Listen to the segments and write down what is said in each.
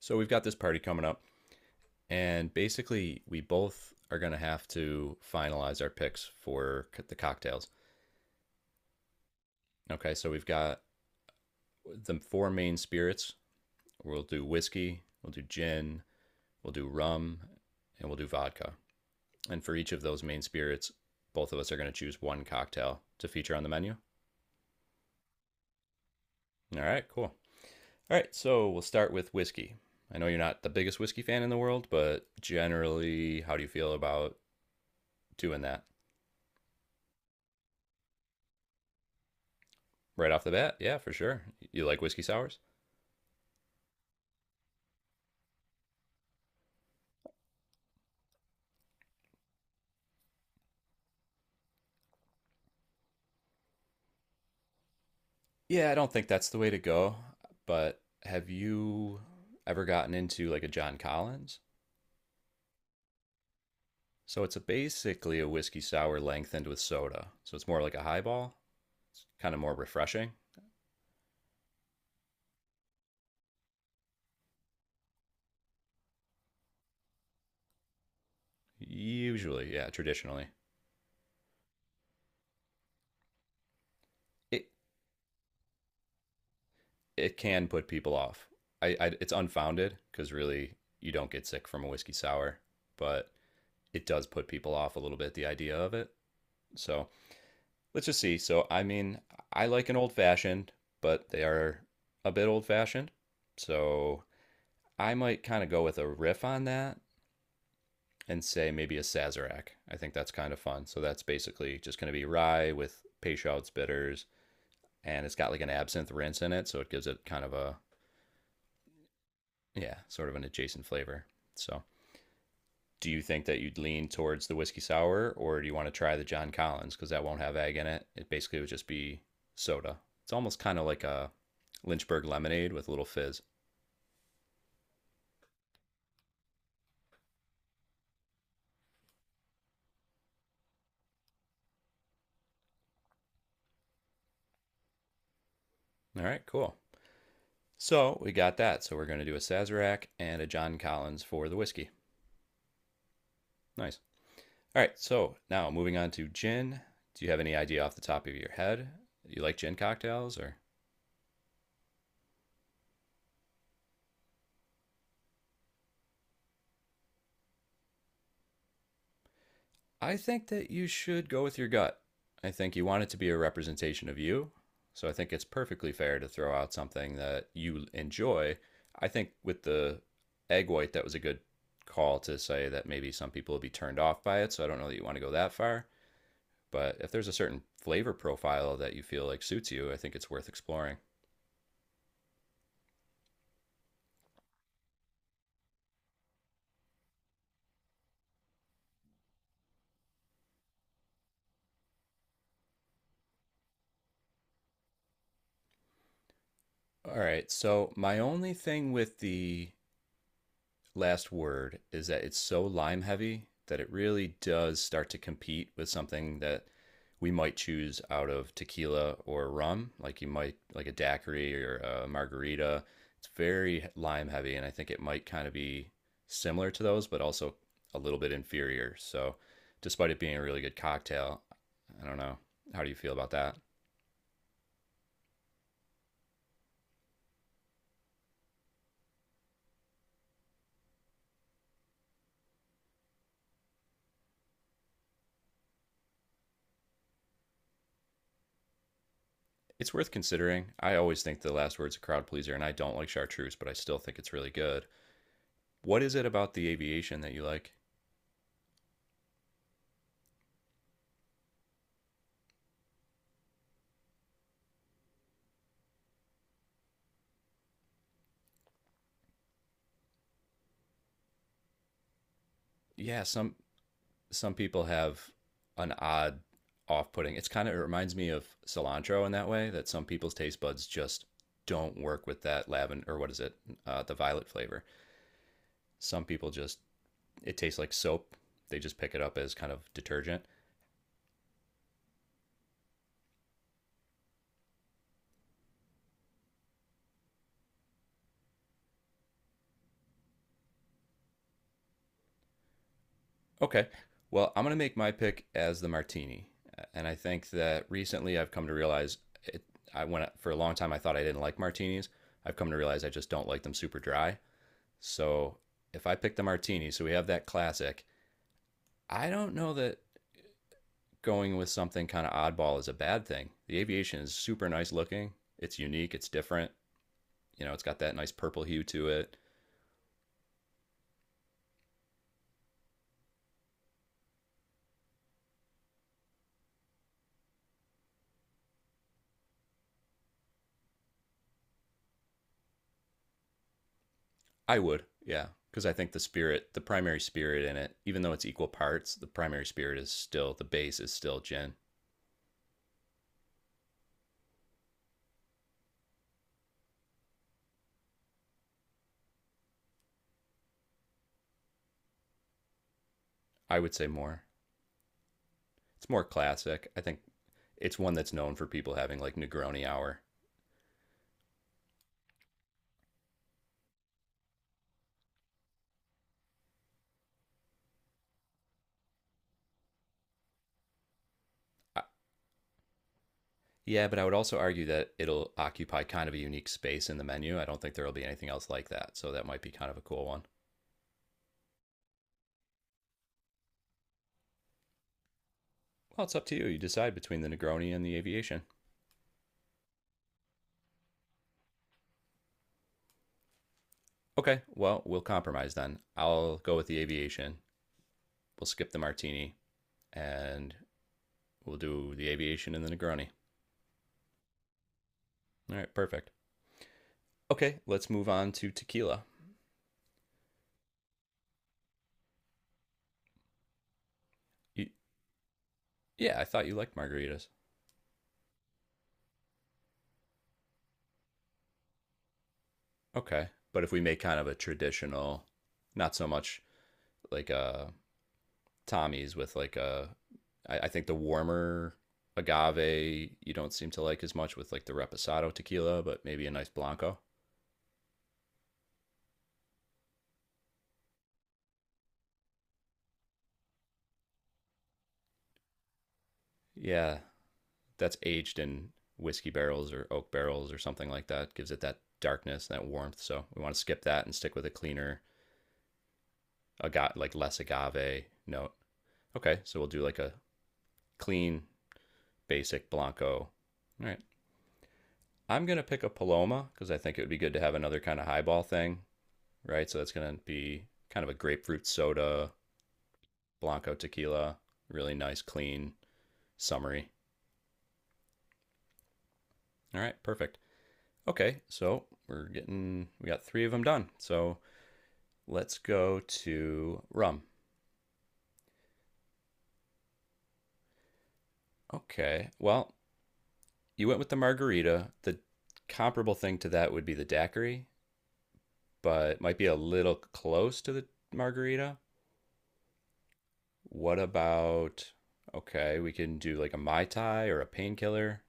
So we've got this party coming up, and basically we both are going to have to finalize our picks for the cocktails. Okay, so we've got the four main spirits. We'll do whiskey, we'll do gin, we'll do rum, and we'll do vodka. And for each of those main spirits, both of us are going to choose one cocktail to feature on the menu. All right, cool. All right, so we'll start with whiskey. I know you're not the biggest whiskey fan in the world, but generally, how do you feel about doing that? Right off the bat. Yeah, for sure. You like whiskey sours? Yeah, I don't think that's the way to go. But have you ever gotten into like a John Collins? So it's a basically a whiskey sour lengthened with soda. So it's more like a highball. It's kind of more refreshing. Usually, yeah, traditionally, it it can put people off. I it's unfounded because really you don't get sick from a whiskey sour, but it does put people off a little bit the idea of it. So let's just see. So, I mean, I like an old fashioned, but they are a bit old fashioned. So, I might kind of go with a riff on that and say maybe a Sazerac. I think that's kind of fun. So, that's basically just going to be rye with Peychaud's bitters, and it's got like an absinthe rinse in it. So, it gives it kind of a, yeah, sort of an adjacent flavor. So, do you think that you'd lean towards the whiskey sour or do you want to try the John Collins because that won't have egg in it? It basically would just be soda. It's almost kind of like a Lynchburg lemonade with a little fizz. All right, cool. So we got that. So we're going to do a Sazerac and a John Collins for the whiskey. Nice. All right, so now moving on to gin. Do you have any idea off the top of your head? You like gin cocktails or? I think that you should go with your gut. I think you want it to be a representation of you. So I think it's perfectly fair to throw out something that you enjoy. I think with the egg white, that was a good call to say that maybe some people will be turned off by it. So I don't know that you want to go that far. But if there's a certain flavor profile that you feel like suits you, I think it's worth exploring. All right. So my only thing with the last word is that it's so lime heavy that it really does start to compete with something that we might choose out of tequila or rum, like you might like a daiquiri or a margarita. It's very lime heavy, and I think it might kind of be similar to those, but also a little bit inferior. So, despite it being a really good cocktail, I don't know. How do you feel about that? It's worth considering. I always think The Last Word's a crowd pleaser, and I don't like Chartreuse, but I still think it's really good. What is it about the aviation that you like? Yeah, some people have an odd off-putting. It's kind of it reminds me of cilantro in that way that some people's taste buds just don't work with that lavender or what is it, the violet flavor. Some people just it tastes like soap. They just pick it up as kind of detergent. Okay. Well, I'm going to make my pick as the martini. And I think that recently I've come to realize it, I went for a long time I thought I didn't like martinis. I've come to realize I just don't like them super dry. So if I pick the martini, so we have that classic, I don't know that going with something kind of oddball is a bad thing. The aviation is super nice looking. It's unique, it's different. You know, it's got that nice purple hue to it. I would, yeah, because I think the spirit, the primary spirit in it, even though it's equal parts, the primary spirit is still the base is still gin. I would say more. It's more classic. I think it's one that's known for people having like Negroni hour. I, yeah, but I would also argue that it'll occupy kind of a unique space in the menu. I don't think there will be anything else like that, so that might be kind of a cool one. Well, it's up to you. You decide between the Negroni and the Aviation. Okay, well, we'll compromise then. I'll go with the Aviation. We'll skip the martini and we'll do the aviation and the Negroni. All right, perfect. Okay, let's move on to tequila. You, yeah, I thought you liked margaritas. Okay, but if we make kind of a traditional, not so much like a Tommy's with like a, I think the warmer agave you don't seem to like as much with like the reposado tequila, but maybe a nice blanco. Yeah, that's aged in whiskey barrels or oak barrels or something like that. Gives it that darkness, and that warmth. So we want to skip that and stick with a cleaner agave, like less agave note. Okay, so we'll do like a clean, basic Blanco. All right, I'm gonna pick a Paloma because I think it would be good to have another kind of highball thing, right? So that's gonna be kind of a grapefruit soda, Blanco tequila, really nice, clean, summery. All right, perfect. Okay, so we're getting we got three of them done. So let's go to rum. Okay, well you went with the margarita. The comparable thing to that would be the daiquiri, but might be a little close to the margarita. What about, okay, we can do like a Mai Tai or a painkiller.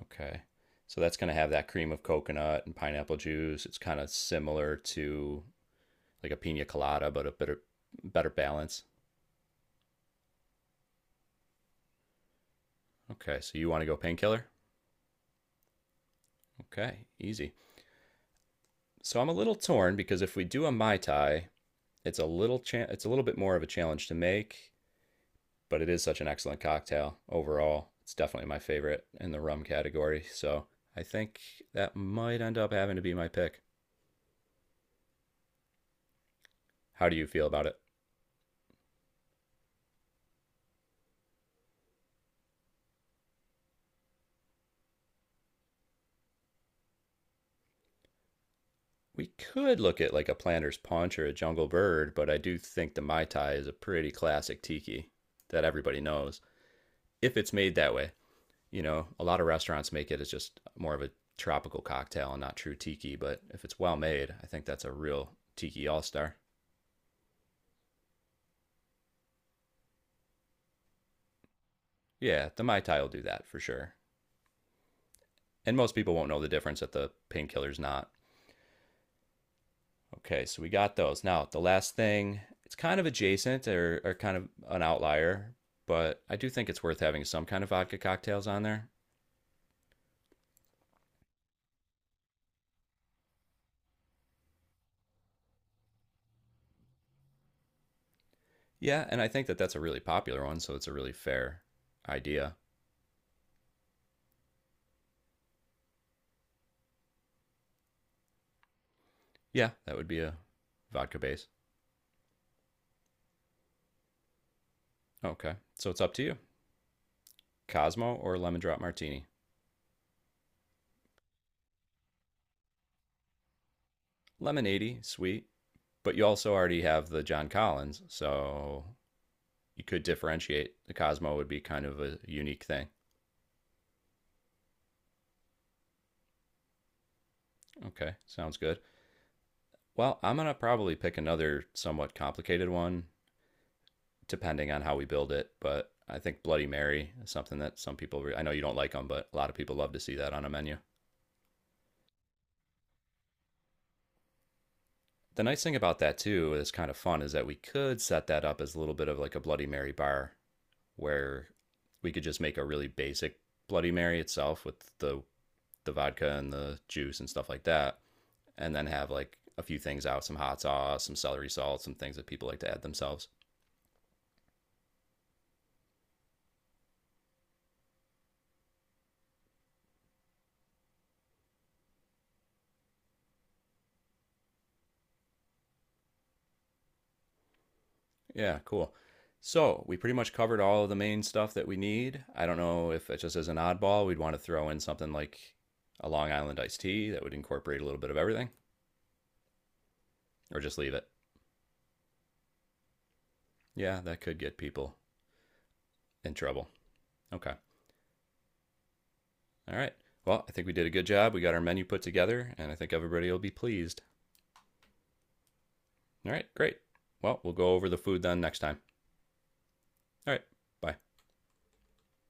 Okay. So that's going to have that cream of coconut and pineapple juice. It's kind of similar to like a pina colada, but a better, better balance. Okay. So you want to go painkiller? Okay. Easy. So I'm a little torn because if we do a Mai Tai, it's it's a little bit more of a challenge to make but it is such an excellent cocktail overall. It's definitely my favorite in the rum category. So I think that might end up having to be my pick. How do you feel about it? We could look at like a planter's punch or a jungle bird, but I do think the Mai Tai is a pretty classic tiki that everybody knows if it's made that way. You know, a lot of restaurants make it as just more of a tropical cocktail and not true tiki, but if it's well made, I think that's a real tiki all star. Yeah, the Mai Tai will do that for sure. And most people won't know the difference that the painkiller's not. Okay, so we got those. Now, the last thing, it's kind of adjacent or kind of an outlier, but I do think it's worth having some kind of vodka cocktails on there. Yeah, and I think that that's a really popular one, so it's a really fair idea. Yeah, that would be a vodka base. Okay, so it's up to you, Cosmo or lemon drop martini. Lemonade, sweet, but you also already have the John Collins, so you could differentiate. The Cosmo would be kind of a unique thing. Okay, sounds good. Well, I'm going to probably pick another somewhat complicated one, depending on how we build it. But I think Bloody Mary is something that I know you don't like them, but a lot of people love to see that on a menu. The nice thing about that, too, is kind of fun, is that we could set that up as a little bit of like a Bloody Mary bar where we could just make a really basic Bloody Mary itself with the vodka and the juice and stuff like that. And then have like a few things out some hot sauce, some celery salt, some things that people like to add themselves. Yeah, cool. So we pretty much covered all of the main stuff that we need. I don't know if it just as an oddball, we'd want to throw in something like a Long Island iced tea that would incorporate a little bit of everything, or just leave it. Yeah, that could get people in trouble. Okay. All right. Well, I think we did a good job. We got our menu put together, and I think everybody will be pleased. All right, great. Well, we'll go over the food then next time. All right, bye.